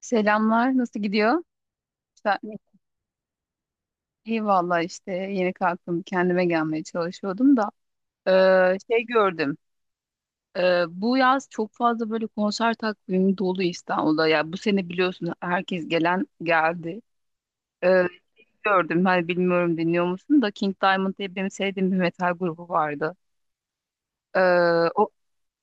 Selamlar, nasıl gidiyor? Sen- İyi valla işte yeni kalktım, kendime gelmeye çalışıyordum da şey gördüm. Bu yaz çok fazla böyle konser takvimi dolu İstanbul'da. Ya bu sene biliyorsun herkes gelen geldi. Eee, gördüm, hani bilmiyorum dinliyor musun da King Diamond diye benim sevdiğim bir metal grubu vardı. Eee,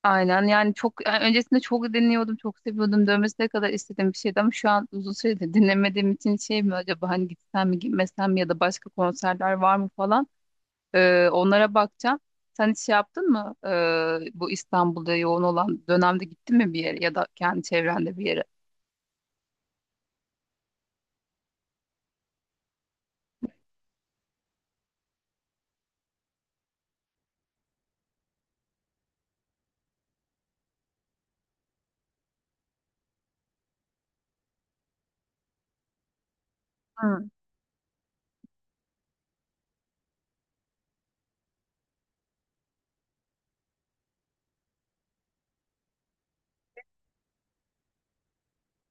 Aynen yani çok yani öncesinde çok dinliyordum, çok seviyordum, dövmesine kadar istediğim bir şeydi ama şu an uzun süredir dinlemediğim için şey mi acaba hani gitsem mi gitmesem mi ya da başka konserler var mı falan. Onlara bakacağım. Sen hiç şey yaptın mı? Bu İstanbul'da yoğun olan dönemde gittin mi bir yere ya da kendi çevrende bir yere?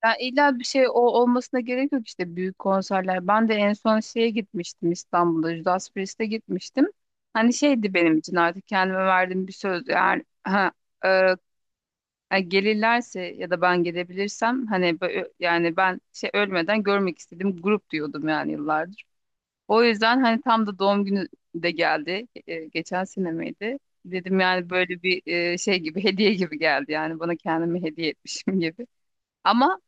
Ya illa bir şey o olmasına gerek yok, işte büyük konserler. Ben de en son şeye gitmiştim, İstanbul'da Judas Priest'e gitmiştim. Hani şeydi benim için artık kendime verdiğim bir söz. Yani e, ha, gelirlerse ya da ben gelebilirsem hani yani ben şey ölmeden görmek istediğim grup diyordum yani yıllardır. O yüzden hani tam da doğum günü de geldi. Geçen sene miydi? Dedim yani böyle bir şey gibi hediye gibi geldi yani, bana kendimi hediye etmişim gibi. Ama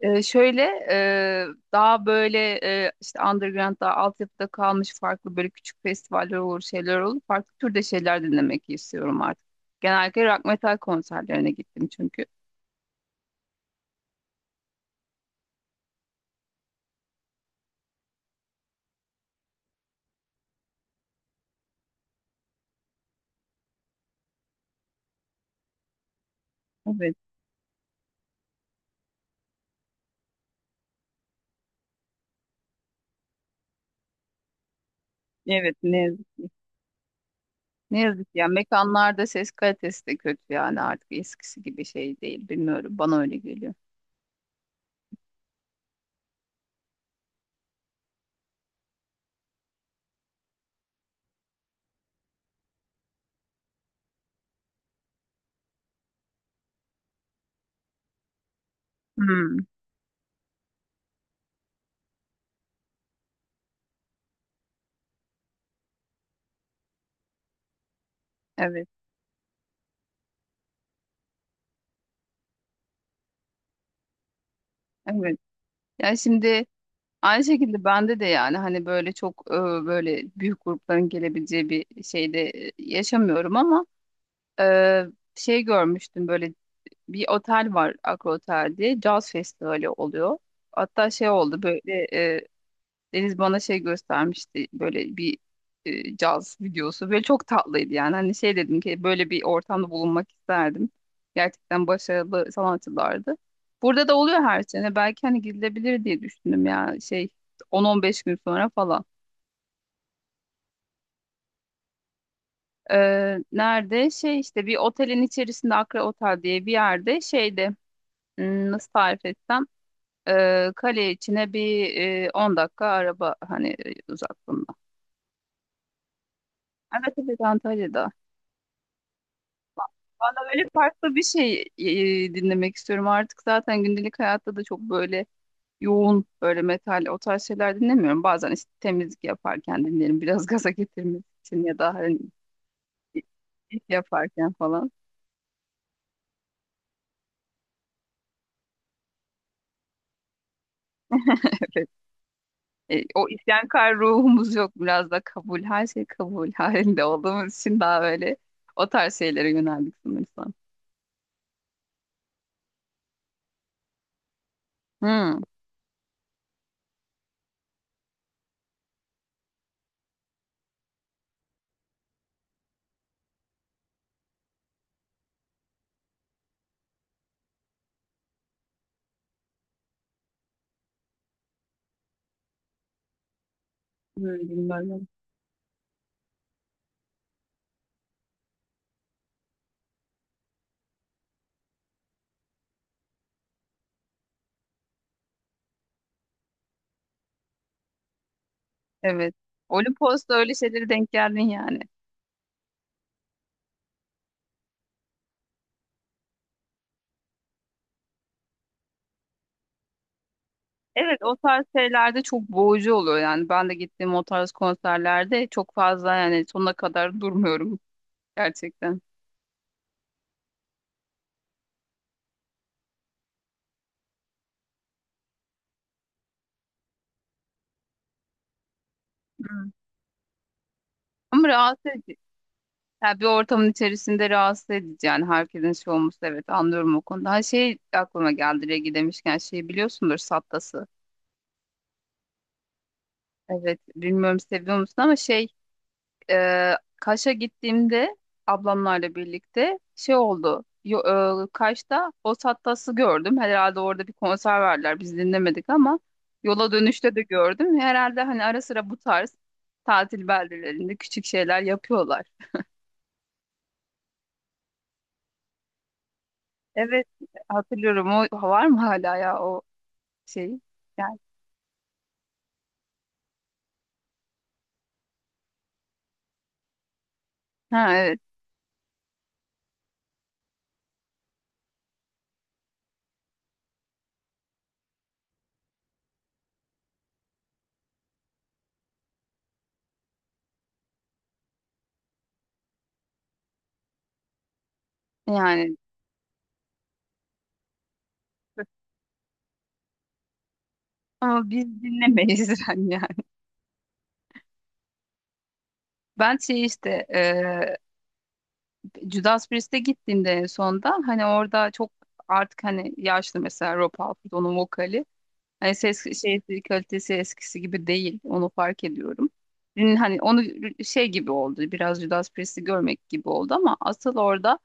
şöyle e, daha böyle işte underground, daha altyapıda kalmış farklı böyle küçük festivaller olur, şeyler olur. Farklı türde şeyler dinlemek istiyorum artık. Genellikle rock metal konserlerine gittim çünkü. Evet, evet ne yazık, ne yazık ya. Mekanlarda ses kalitesi de kötü yani, artık eskisi gibi şey değil bilmiyorum. Bana öyle geliyor. Hmm, evet, evet. Yani şimdi aynı şekilde bende de yani hani böyle çok böyle büyük grupların gelebileceği bir şeyde yaşamıyorum ama Ee, şey görmüştüm, böyle bir otel var Akro Otel diye, caz festivali oluyor. Hatta şey oldu böyle, e, Deniz bana şey göstermişti, böyle bir caz videosu. Böyle çok tatlıydı yani. Hani şey dedim ki böyle bir ortamda bulunmak isterdim. Gerçekten başarılı sanatçılardı. Burada da oluyor her sene. Belki hani gidilebilir diye düşündüm ya şey, 10-15 gün sonra falan. Nerede? Şey işte bir otelin içerisinde, Akra Otel diye bir yerde, şeyde. Nasıl tarif etsem, kale içine bir 10 dakika araba hani uzaklığında. Evet evet, Antalya'da. Valla böyle farklı bir şey dinlemek istiyorum artık, zaten gündelik hayatta da çok böyle yoğun, böyle metal, o tarz şeyler dinlemiyorum. Bazen işte temizlik yaparken dinlerim biraz gaza getirmek için ya da hani iş yaparken falan. Evet. O isyankar ruhumuz yok. Biraz da kabul, her şey kabul halinde olduğumuz için daha böyle o tarz şeylere yöneldik sanırsam. Hmm, Öyle bilmem. Evet. Olimpos'ta öyle şeylere denk geldin yani. Evet, o tarz şeylerde çok boğucu oluyor yani. Ben de gittiğim o tarz konserlerde çok fazla yani sonuna kadar durmuyorum gerçekten. Hmm. Ama rahatsız edici. Yani bir ortamın içerisinde rahatsız edici yani, herkesin şey olması, evet anlıyorum o konuda. Ha, şey aklıma geldi, Regi demişken şey biliyorsundur Sattas'ı. Evet bilmiyorum seviyor musun ama şey, e, Kaş'a gittiğimde ablamlarla birlikte şey oldu. Yo, Kaş'ta Os gördüm. Herhalde orada bir konser verdiler. Biz dinlemedik ama yola dönüşte de gördüm. Herhalde hani ara sıra bu tarz tatil beldelerinde küçük şeyler yapıyorlar. Evet, hatırlıyorum. O var mı hala ya, o şey? Yani, ha evet yani, ama biz dinlemeyiz yani. Ben şey işte Judas Priest'e gittiğimde en sonda hani orada çok, artık hani yaşlı mesela, Rob Halford, onun vokali. Hani ses şey kalitesi eskisi gibi değil. Onu fark ediyorum. Hani onu şey gibi oldu. Biraz Judas Priest'i görmek gibi oldu ama asıl orada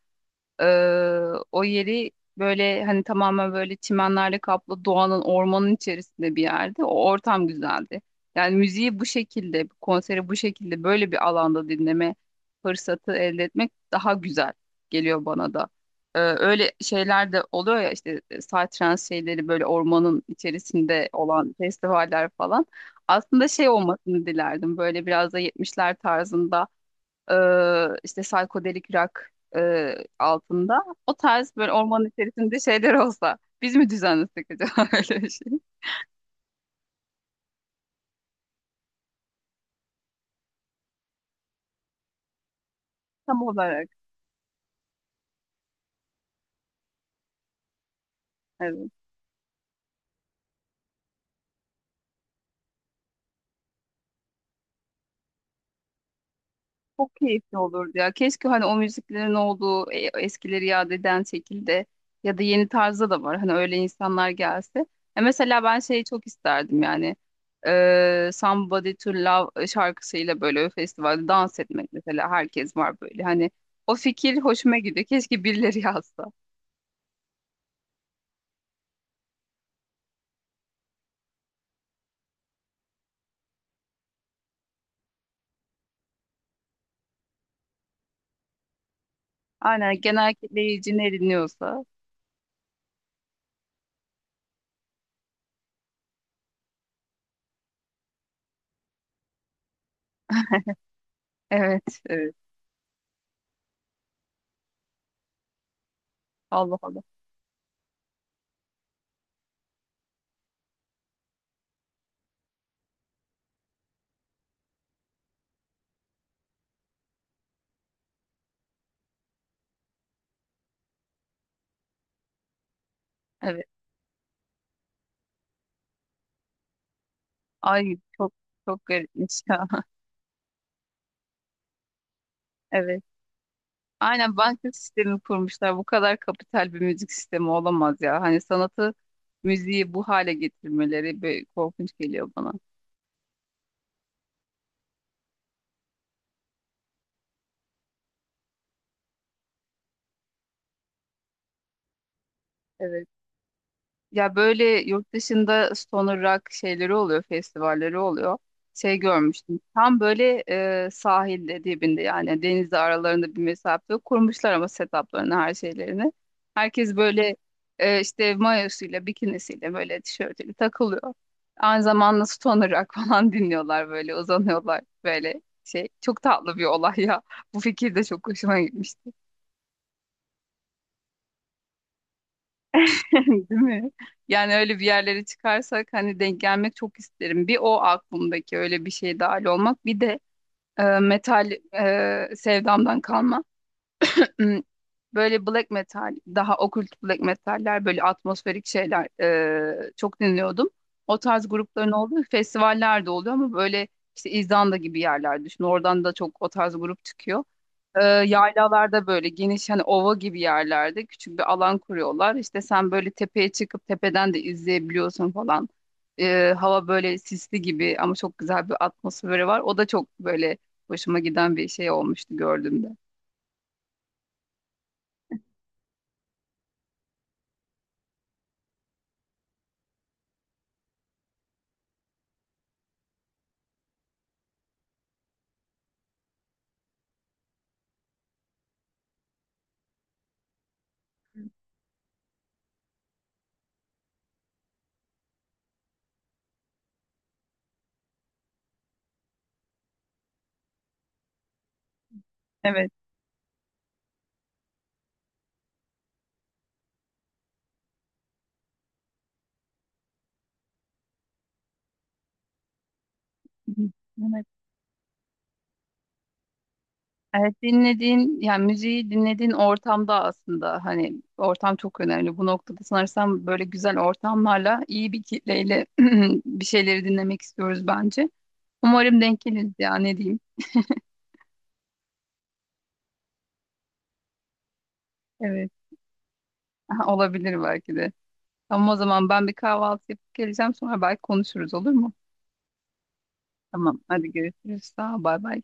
ee, o yeri, böyle hani tamamen böyle çimenlerle kaplı, doğanın, ormanın içerisinde bir yerde. O ortam güzeldi. Yani müziği bu şekilde, konseri bu şekilde böyle bir alanda dinleme fırsatı elde etmek daha güzel geliyor bana da. Öyle şeyler de oluyor ya, işte psytrance şeyleri, böyle ormanın içerisinde olan festivaller falan. Aslında şey olmasını dilerdim, böyle biraz da 70'ler tarzında e, işte psikodelik rock altında. O tarz böyle ormanın içerisinde şeyler olsa, biz mi düzenlesek acaba öyle bir şey? Tam olarak. Evet. Çok keyifli olurdu ya. Keşke hani o müziklerin olduğu, eskileri yad eden şekilde ya da yeni tarzda da var. Hani öyle insanlar gelse. Mesela ben şeyi çok isterdim yani. Somebody to Love şarkısıyla böyle festivalde dans etmek mesela, herkes var böyle. Hani o fikir hoşuma gidiyor. Keşke birileri yazsa. Aynen, genel kitleyici ne dinliyorsa. Evet, evet. Allah Allah. Evet. Ay çok çok garipmiş ya. Evet. Aynen banka sistemi kurmuşlar. Bu kadar kapital bir müzik sistemi olamaz ya. Hani sanatı, müziği bu hale getirmeleri böyle korkunç geliyor bana. Evet. Ya böyle yurt dışında stoner rock şeyleri oluyor, festivalleri oluyor. Şey görmüştüm. Tam böyle, sahilde dibinde yani, denizle aralarında bir mesafe yok. Kurmuşlar ama setuplarını, her şeylerini. Herkes böyle işte mayosuyla, bikinisiyle, böyle tişörtüyle takılıyor. Aynı zamanda stoner rock falan dinliyorlar, böyle uzanıyorlar, böyle şey. Çok tatlı bir olay ya. Bu fikir de çok hoşuma gitmişti. Değil mi? Yani öyle bir yerlere çıkarsak hani denk gelmek çok isterim. Bir, o aklımdaki öyle bir şey, dahil olmak. Bir de metal sevdamdan kalma. Hmm, Böyle black metal, daha okült black metaller, böyle atmosferik şeyler çok dinliyordum. O tarz grupların olduğu festivaller de oluyor ama böyle işte İzlanda gibi yerler düşün. Oradan da çok o tarz grup çıkıyor, yaylalarda böyle geniş hani ova gibi yerlerde küçük bir alan kuruyorlar. İşte sen böyle tepeye çıkıp tepeden de izleyebiliyorsun falan. Hava böyle sisli gibi ama çok güzel bir atmosferi var. O da çok böyle hoşuma giden bir şey olmuştu gördüğümde. Evet. Hı hı. Evet. Evet, dinlediğin yani müziği dinlediğin ortamda aslında hani ortam çok önemli. Bu noktada sanırsam böyle güzel ortamlarla, iyi bir kitleyle bir şeyleri dinlemek istiyoruz bence. Umarım denk geliriz ya, ne diyeyim. Evet. Olabilir belki de. Ama o zaman ben bir kahvaltı yapıp geleceğim, sonra belki konuşuruz, olur mu? Tamam. Hadi görüşürüz. Sağ ol. Bay bay.